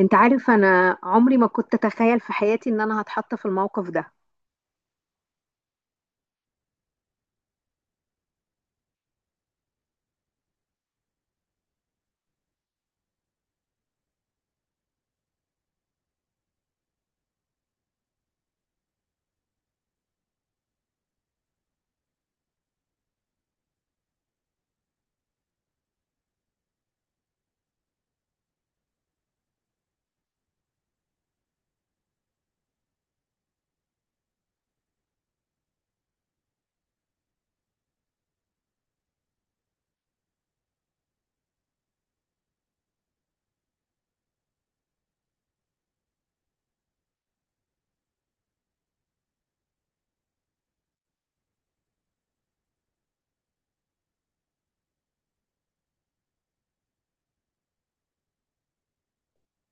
انت عارف، انا عمري ما كنت اتخيل في حياتي ان انا هتحط في الموقف ده.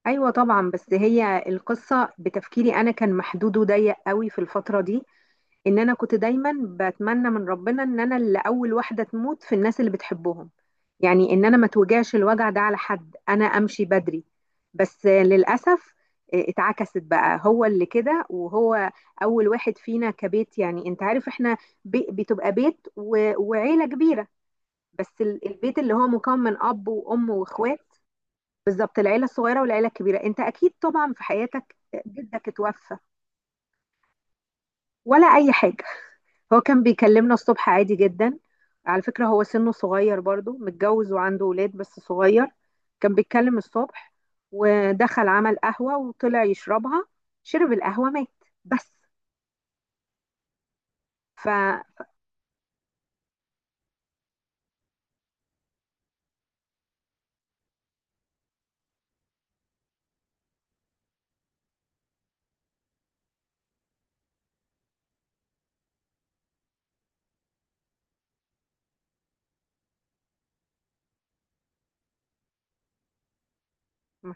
ايوه طبعا، بس هي القصه بتفكيري انا كان محدود وضيق قوي في الفتره دي، ان انا كنت دايما بتمنى من ربنا ان انا اللي اول واحده تموت في الناس اللي بتحبهم. يعني ان انا ما توجعش الوجع ده على حد، انا امشي بدري. بس للاسف، اتعكست بقى، هو اللي كده وهو اول واحد فينا كبيت. يعني انت عارف احنا بتبقى بيت وعيله كبيره، بس البيت اللي هو مكون من اب وام واخوات. بالظبط، العيله الصغيره والعيله الكبيره انت اكيد طبعا في حياتك. جدك اتوفى ولا اي حاجه؟ هو كان بيكلمنا الصبح عادي جدا، على فكره هو سنه صغير برضو، متجوز وعنده ولاد بس صغير. كان بيتكلم الصبح، ودخل عمل قهوه وطلع يشربها. شرب القهوه، مات. بس. فما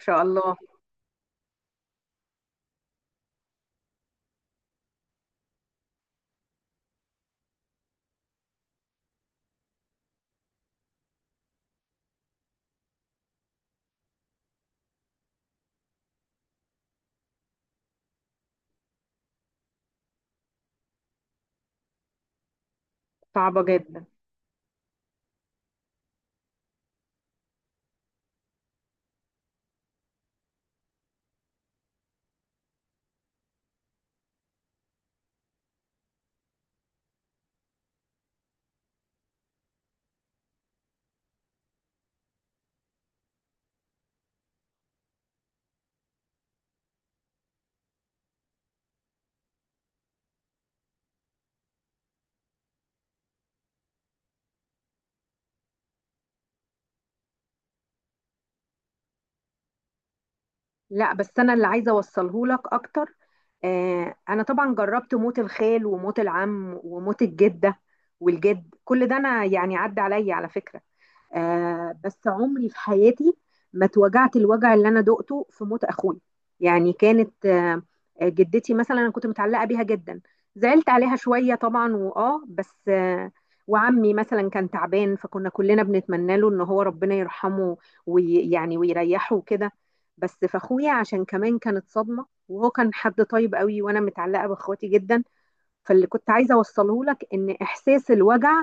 شاء الله. صعبه جدا. لا، بس انا اللي عايزه اوصله لك اكتر. انا طبعا جربت موت الخال وموت العم وموت الجده والجد، كل ده انا يعني عدى عليا على فكره. بس عمري في حياتي ما اتوجعت الوجع اللي انا دقته في موت اخوي. يعني كانت جدتي مثلا انا كنت متعلقه بيها جدا، زعلت عليها شويه طبعا بس وعمي مثلا كان تعبان، فكنا كلنا بنتمنى له ان هو ربنا يرحمه ويعني ويريحه وكده. بس فاخويا عشان كمان كانت صدمه، وهو كان حد طيب قوي، وانا متعلقه باخواتي جدا. فاللي كنت عايزه اوصله لك ان احساس الوجع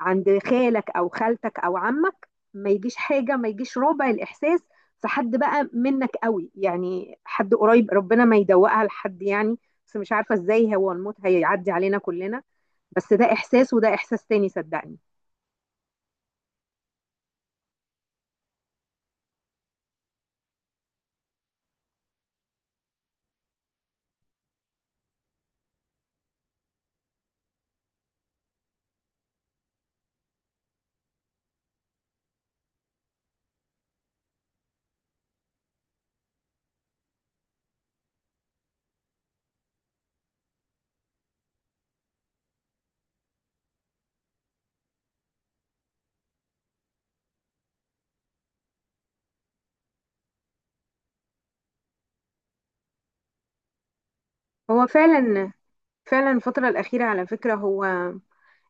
عند خالك او خالتك او عمك ما يجيش حاجه، ما يجيش ربع الاحساس في حد بقى منك قوي، يعني حد قريب. ربنا ما يدوقها لحد يعني. بس مش عارفه ازاي، هو الموت هيعدي علينا كلنا. بس ده احساس وده احساس تاني، صدقني. هو فعلا فعلا الفتره الاخيره على فكره، هو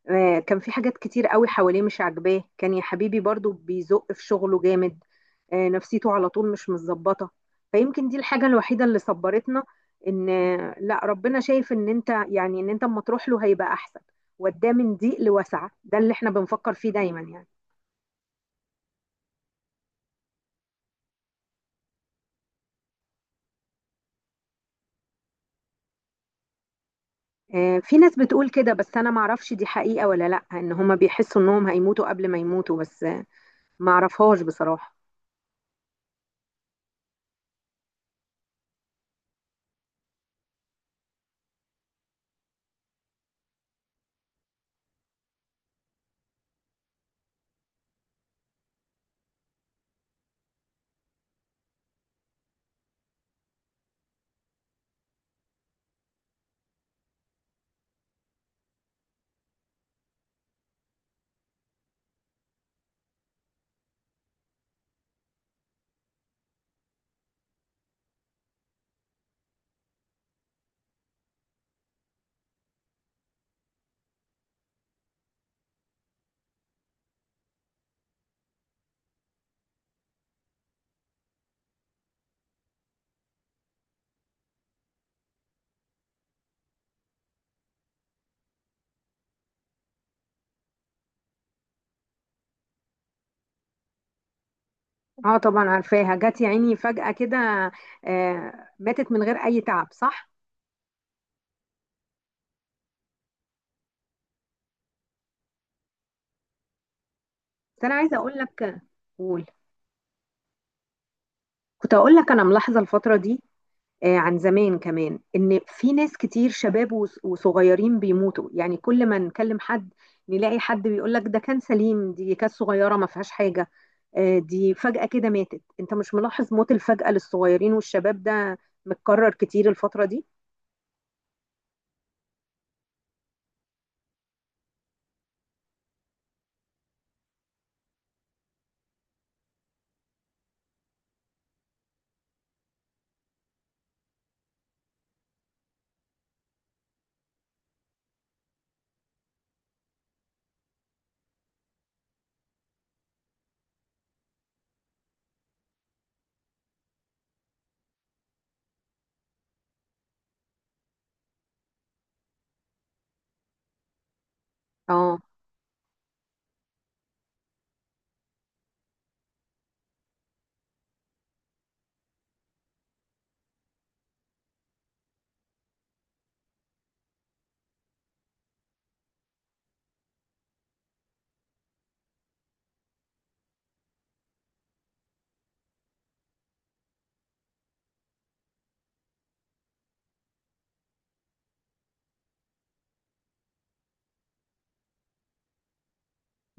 كان في حاجات كتير قوي حواليه مش عاجباه، كان يا حبيبي برضو بيزق في شغله جامد. نفسيته على طول مش متظبطة. فيمكن دي الحاجة الوحيدة اللي صبرتنا، ان لا، ربنا شايف ان انت يعني ان انت اما تروح له هيبقى احسن، وداه من ضيق لوسعة، ده اللي احنا بنفكر فيه دايما يعني. في ناس بتقول كده، بس انا معرفش دي حقيقة ولا لا، ان هما بيحسوا انهم هيموتوا قبل ما يموتوا، بس معرفهاش بصراحة. اه طبعا عارفاها، جت يا عيني فجأة كده. آه، ماتت من غير اي تعب، صح. بس انا عايزه اقول لك. قول. كنت اقول لك انا ملاحظه الفتره دي عن زمان كمان، ان في ناس كتير شباب وصغيرين بيموتوا. يعني كل ما نكلم حد نلاقي حد بيقول لك ده كان سليم، دي كانت صغيره ما فيهاش حاجه، دي فجاه كده ماتت. انت مش ملاحظ موت الفجاه للصغيرين والشباب ده متكرر كتير الفتره دي؟ اه،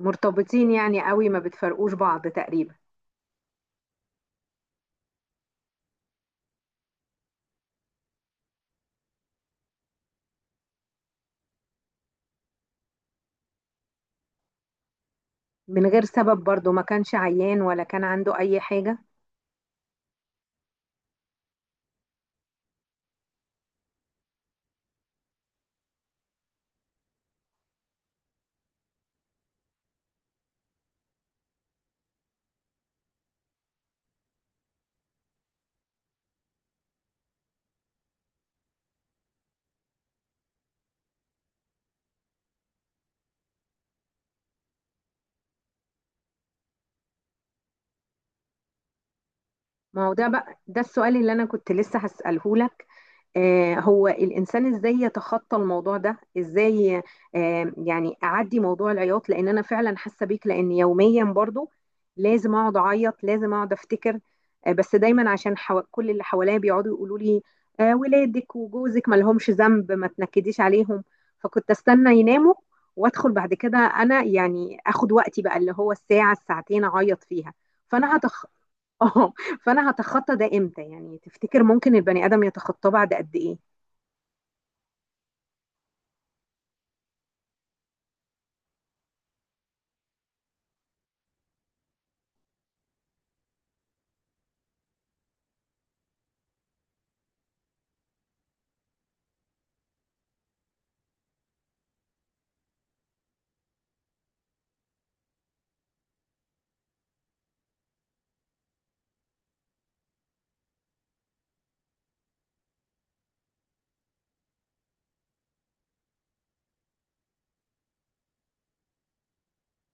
مرتبطين يعني قوي، ما بتفرقوش بعض تقريبا. من غير سبب برضو، ما كانش عيان ولا كان عنده اي حاجه. ما هو ده بقى ده السؤال اللي انا كنت لسه هسأله لك. هو الانسان ازاي يتخطى الموضوع ده، ازاي؟ يعني اعدي موضوع العياط، لان انا فعلا حاسه بيك. لان يوميا برضو لازم اقعد اعيط، لازم اقعد افتكر. بس دايما عشان كل اللي حواليا بيقعدوا يقولوا لي، ولادك وجوزك ما لهمش ذنب، ما تنكديش عليهم. فكنت استنى يناموا، وادخل بعد كده، انا يعني اخد وقتي بقى، اللي هو الساعه الساعتين اعيط فيها. فانا هتخ... اه. فانا هتخطى ده امتى يعني؟ تفتكر ممكن البني ادم يتخطاه بعد قد ايه؟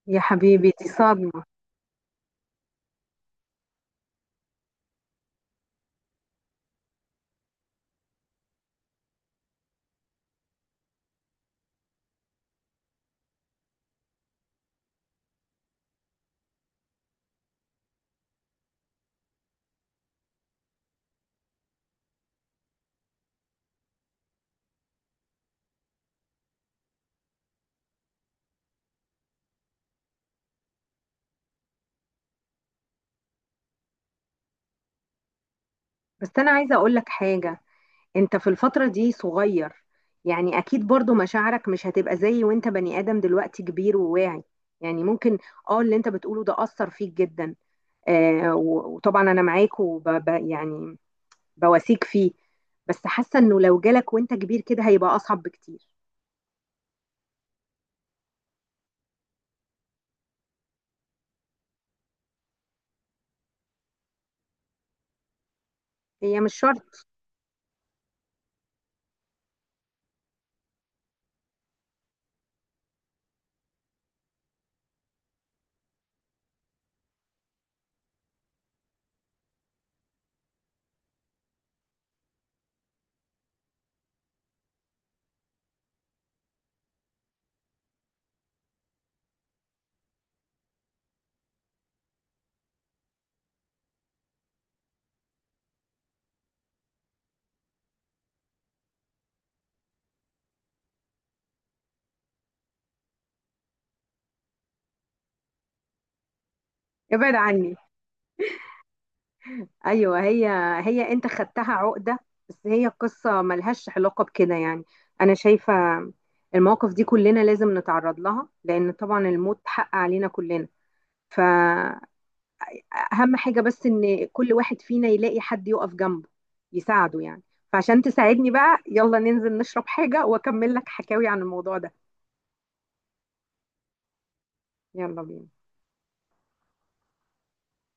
يا حبيبي، دي صدمة. بس انا عايزة اقول لك حاجة، انت في الفترة دي صغير، يعني اكيد برضو مشاعرك مش هتبقى زي وانت بني ادم دلوقتي كبير وواعي. يعني ممكن اه، اللي انت بتقوله ده اثر فيك جدا. وطبعا انا معاك، يعني بواسيك فيه. بس حاسة انه لو جالك وانت كبير كده هيبقى اصعب بكتير. هي مش شرط. ابعد عني. ايوه هي. هي انت خدتها عقده؟ بس هي قصه ملهاش علاقه بكده يعني. انا شايفه المواقف دي كلنا لازم نتعرض لها، لان طبعا الموت حق علينا كلنا، فاهم؟ حاجه بس ان كل واحد فينا يلاقي حد يقف جنبه، يساعده يعني. فعشان تساعدني بقى، يلا ننزل نشرب حاجه واكمل لك حكاوي عن الموضوع ده. يلا بينا.